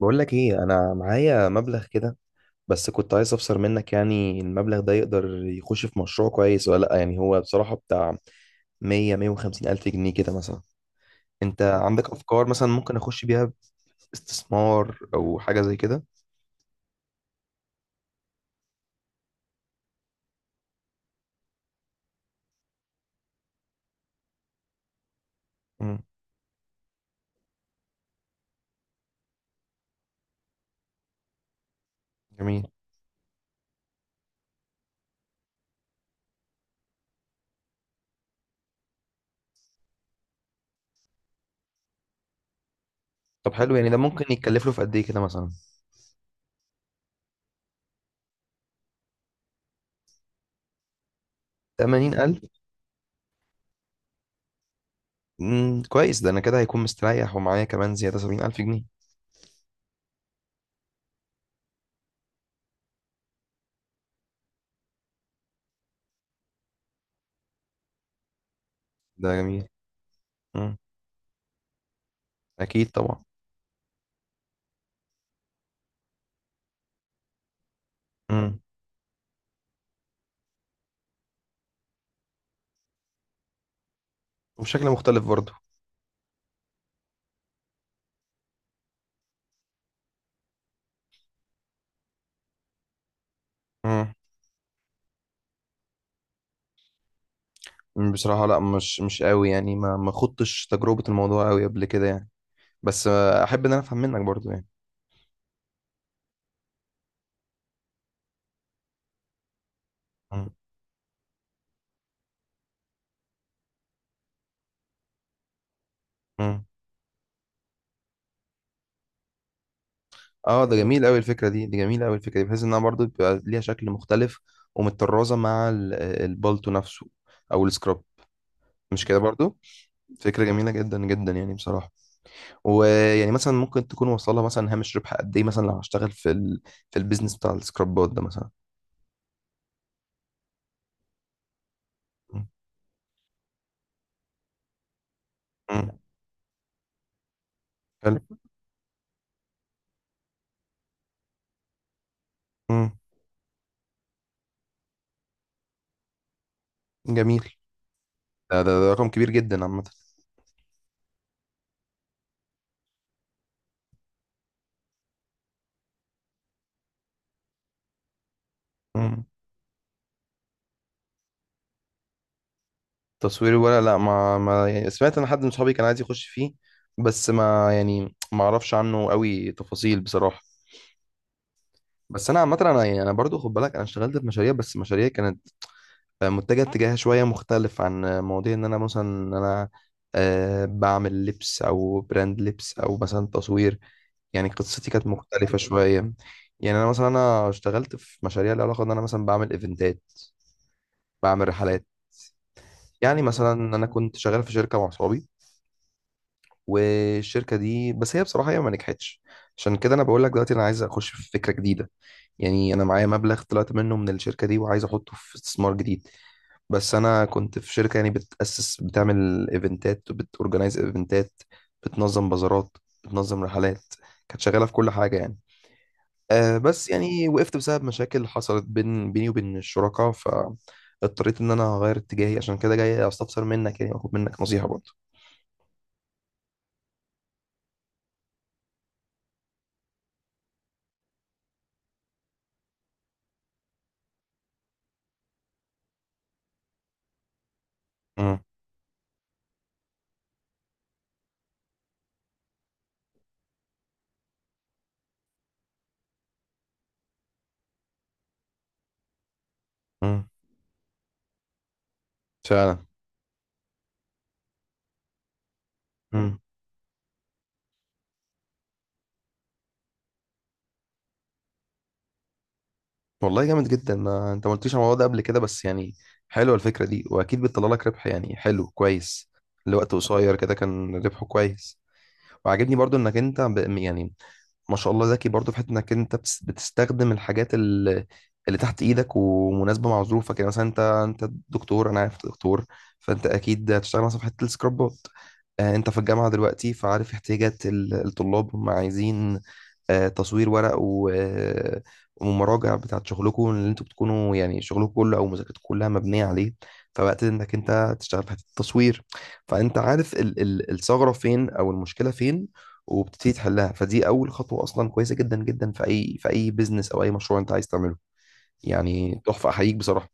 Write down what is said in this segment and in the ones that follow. بقول لك ايه؟ انا معايا مبلغ كده، بس كنت عايز افسر منك، يعني المبلغ ده يقدر يخش في مشروع كويس ولا لا؟ يعني هو بصراحة بتاع 100 150 الف جنيه كده مثلا. انت عندك افكار مثلا ممكن اخش بيها استثمار او حاجة زي كده؟ امم. جميل. طب حلو، يعني ده ممكن يتكلف له في قد ايه كده مثلا؟ 80 الف؟ امم، كويس. ده انا كده هيكون مستريح ومعايا كمان زيادة 70 الف جنيه. ده جميل. امم. اكيد طبعا. امم. وبشكل مختلف برضه. بصراحة لا، مش قوي يعني، ما خضتش تجربة الموضوع قوي قبل كده يعني. بس احب ان انا افهم منك برضو يعني. مم. مم. اه، ده جميل قوي الفكرة دي جميلة قوي، الفكرة دي بحيث انها برضو بيبقى ليها شكل مختلف ومتطرزة مع البالتو نفسه، او السكراب، مش كده برضو؟ فكرة جميلة جدا جدا يعني بصراحة. ويعني مثلا ممكن تكون واصلة مثلا هامش ربح قد ايه مثلا لو هشتغل في البيزنس بتاع السكرابات ده مثلا. مم. مم. حلو. مم. جميل. ده رقم كبير جدا عامة. مم. تصويري ولا لا؟ ما يعني سمعت ان حد من صحابي كان عايز يخش فيه، بس ما يعني ما اعرفش عنه قوي تفاصيل بصراحه. بس انا عامه انا يعني انا برضو، خد بالك، انا اشتغلت في مشاريع، بس مشاريع كانت متجهه اتجاهها شويه مختلف عن مواضيع ان انا مثلا ان انا بعمل لبس او براند لبس او مثلا تصوير. يعني قصتي كانت مختلفه شويه. يعني انا مثلا انا اشتغلت في مشاريع لها علاقه ان انا مثلا بعمل ايفنتات، بعمل رحلات. يعني مثلا انا كنت شغال في شركه مع صحابي، والشركه دي بس هي بصراحه هي ما نجحتش. عشان كده انا بقول لك دلوقتي انا عايز اخش في فكره جديده. يعني انا معايا مبلغ طلعت منه من الشركه دي، وعايز احطه في استثمار جديد. بس انا كنت في شركه يعني بتاسس، بتعمل ايفنتات وبتورجنايز ايفنتات، بتنظم بازارات، بتنظم رحلات، كانت شغاله في كل حاجه يعني. أه بس يعني وقفت بسبب مشاكل حصلت بيني وبين الشركاء، فاضطريت ان انا اغير اتجاهي. عشان كده جاي استفسر منك يعني، واخد منك نصيحه برضه. امم. فعلا. والله جامد جدا، ما انت ما قلتليش على الموضوع ده قبل كده، بس يعني حلوه الفكره دي، واكيد بتطلع لك ربح، يعني حلو كويس. لوقت قصير كده كان ربحه كويس. وعاجبني برضو انك انت يعني ما شاء الله ذكي برضه في حته انك انت بتستخدم الحاجات اللي تحت ايدك ومناسبه مع ظروفك. يعني مثلا انت دكتور، انا عارف انت دكتور، فانت اكيد هتشتغل مثلا في حته السكرابات. انت في الجامعه دلوقتي، فعارف احتياجات الطلاب هم عايزين تصوير ورق ومراجع بتاعت شغلكم اللي انتوا بتكونوا، يعني شغلكم كله او مذاكرتكم كلها مبنيه عليه. فوقت انك انت تشتغل في حته التصوير، فانت عارف الثغره فين او المشكله فين، وبتبتدي تحلها. فدي اول خطوه اصلا كويسه جدا جدا في اي، في اي بيزنس او اي مشروع انت عايز تعمله. يعني تحفه، احييك بصراحه.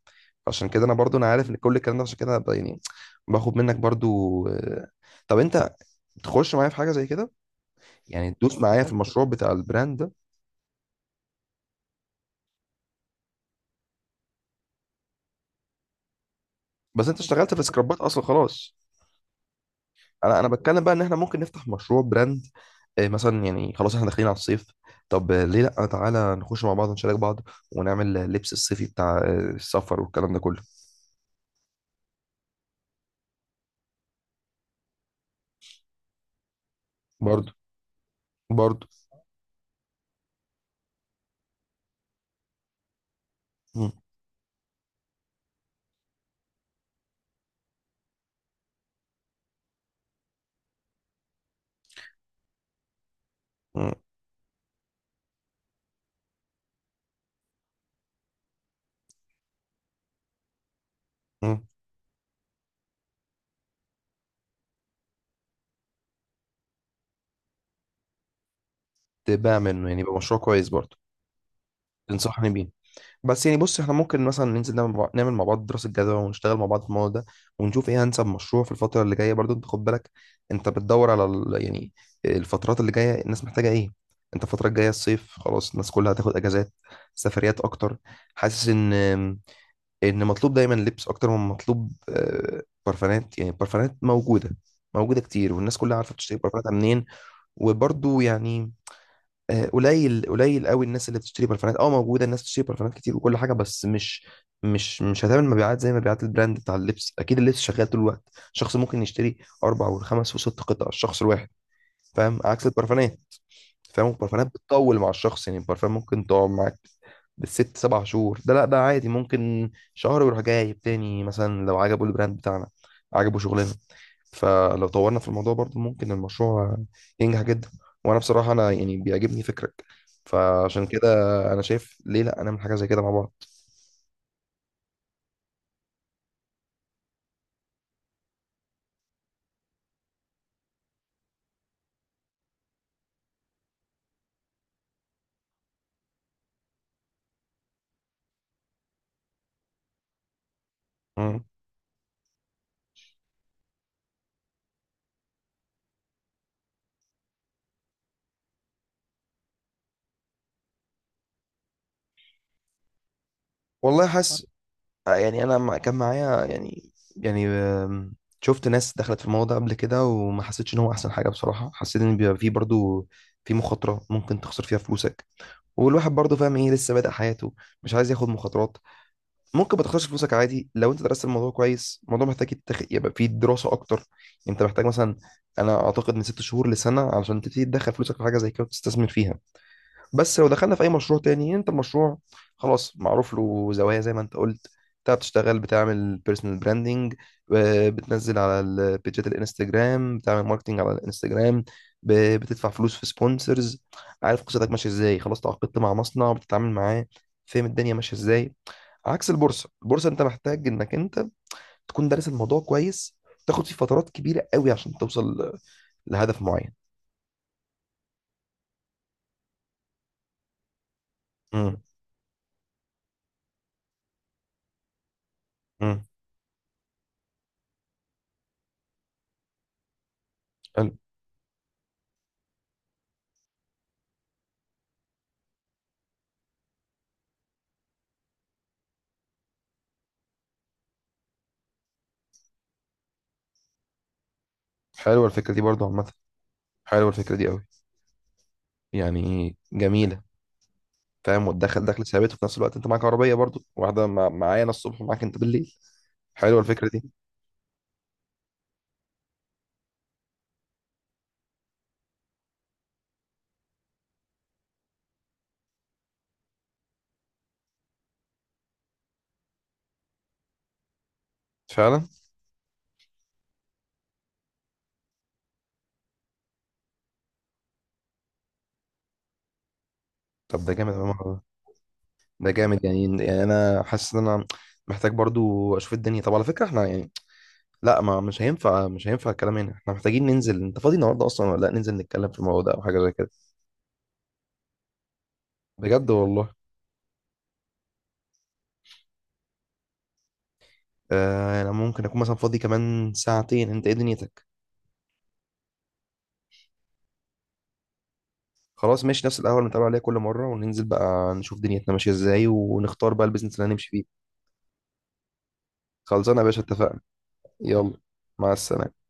عشان كده انا برضو انا عارف ان كل الكلام ده، عشان كده يعني باخد منك برضو طب انت تخش معايا في حاجه زي كده؟ يعني تدوس معايا في المشروع بتاع البراند ده، بس انت اشتغلت في سكرابات اصلا خلاص. انا بتكلم بقى ان احنا ممكن نفتح مشروع براند. مثلا يعني خلاص احنا داخلين على الصيف. طب ليه لا؟ تعالى نخش مع بعض، نشارك بعض ونعمل لبس الصيفي بتاع السفر والكلام ده كله. برضو. برضو. مم. مم. مم. تبقى منه، يعني يبقى مشروع كويس برضه؟ تنصحني بيه؟ بس يعني بص، احنا ممكن مثلا ننزل نعمل مع بعض دراسة جدوى ونشتغل مع بعض في الموضوع ده، ونشوف ايه انسب مشروع في الفترة اللي جاية. برضه انت خد بالك، انت بتدور على يعني الفترات اللي جاية الناس محتاجة ايه. انت الفترة الجاية الصيف، خلاص الناس كلها هتاخد اجازات، سفريات اكتر. حاسس ان مطلوب دايما لبس اكتر من مطلوب برفانات. يعني البرفانات موجودة، موجودة كتير، والناس كلها عارفة بتشتري برفانات منين، وبرضه يعني قليل قليل قوي الناس اللي بتشتري برفانات. اه موجوده الناس بتشتري برفانات كتير وكل حاجه، بس مش هتعمل مبيعات زي مبيعات البراند بتاع اللبس. اكيد اللبس شغال طول الوقت، شخص ممكن يشتري اربع وخمس وست قطع الشخص الواحد. فاهم؟ عكس البرفانات. فاهم؟ البرفانات بتطول مع الشخص، يعني البرفان ممكن تقعد معاك بالست سبع شهور. ده لا، ده عادي ممكن شهر ويروح جايب تاني، مثلا لو عجبه البراند بتاعنا، عجبه شغلنا. فلو طورنا في الموضوع برضو ممكن المشروع ينجح جدا. وانا بصراحة انا يعني بيعجبني فكرك. فعشان كده انا شايف ليه لا نعمل حاجة زي كده مع بعض. مم. والله حاسس يعني انا كان معايا يعني شفت ناس دخلت في الموضوع ده قبل كده وما حسيتش ان هو احسن حاجة بصراحة. حسيت ان بيبقى فيه برضو في مخاطرة ممكن تخسر فيها فلوسك. والواحد برضو فاهم ايه، لسه بادئ حياته، مش عايز ياخد مخاطرات. ممكن ما تخسرش فلوسك عادي لو انت درست الموضوع كويس. الموضوع محتاج يبقى فيه دراسه اكتر. انت محتاج مثلا، انا اعتقد، من ست شهور لسنه علشان تبتدي تدخل فلوسك في حاجه زي كده وتستثمر فيها. بس لو دخلنا في اي مشروع تاني، يعني انت المشروع خلاص معروف له زوايا زي ما انت قلت. انت بتشتغل، بتعمل بيرسونال براندنج، بتنزل على البيجات الانستجرام، بتعمل ماركتنج على الانستجرام، بتدفع فلوس في سبونسرز. عارف قصتك ماشيه ازاي. خلاص تعاقدت مع مصنع بتتعامل معاه، فاهم الدنيا ماشيه ازاي. عكس البورصه، البورصه انت محتاج انك انت تكون دارس الموضوع كويس، تاخد فيه فترات كبيره قوي عشان توصل لهدف معين. امم. امم. حلو. حلوه الفكره دي برضو عامه. حلوه الفكره دي قوي، يعني جميله. فاهم؟ وتدخل دخل ثابت، وفي نفس الوقت انت معاك عربيه برضو واحده معايا انا الصبح ومعاك انت بالليل. حلوه الفكره دي. فعلا. طب ده جامد أوي يا ماما. ده جامد، يعني انا حاسس ان انا محتاج برضو اشوف الدنيا. طب على فكره احنا يعني لا، ما مش هينفع، مش هينفع الكلام هنا. احنا محتاجين ننزل. انت فاضي النهارده اصلا ولا لا؟ ننزل نتكلم في الموضوع ده او حاجه زي كده. بجد والله. آه انا ممكن اكون مثلا فاضي كمان ساعتين، انت ايه دنيتك؟ خلاص ماشي، نفس القهوه اللي بنتقابل عليها كل مره، وننزل بقى نشوف دنيتنا ماشيه ازاي ونختار بقى البيزنس اللي هنمشي فيه. خلصانه يا باشا، اتفقنا. يلا. مع السلامه.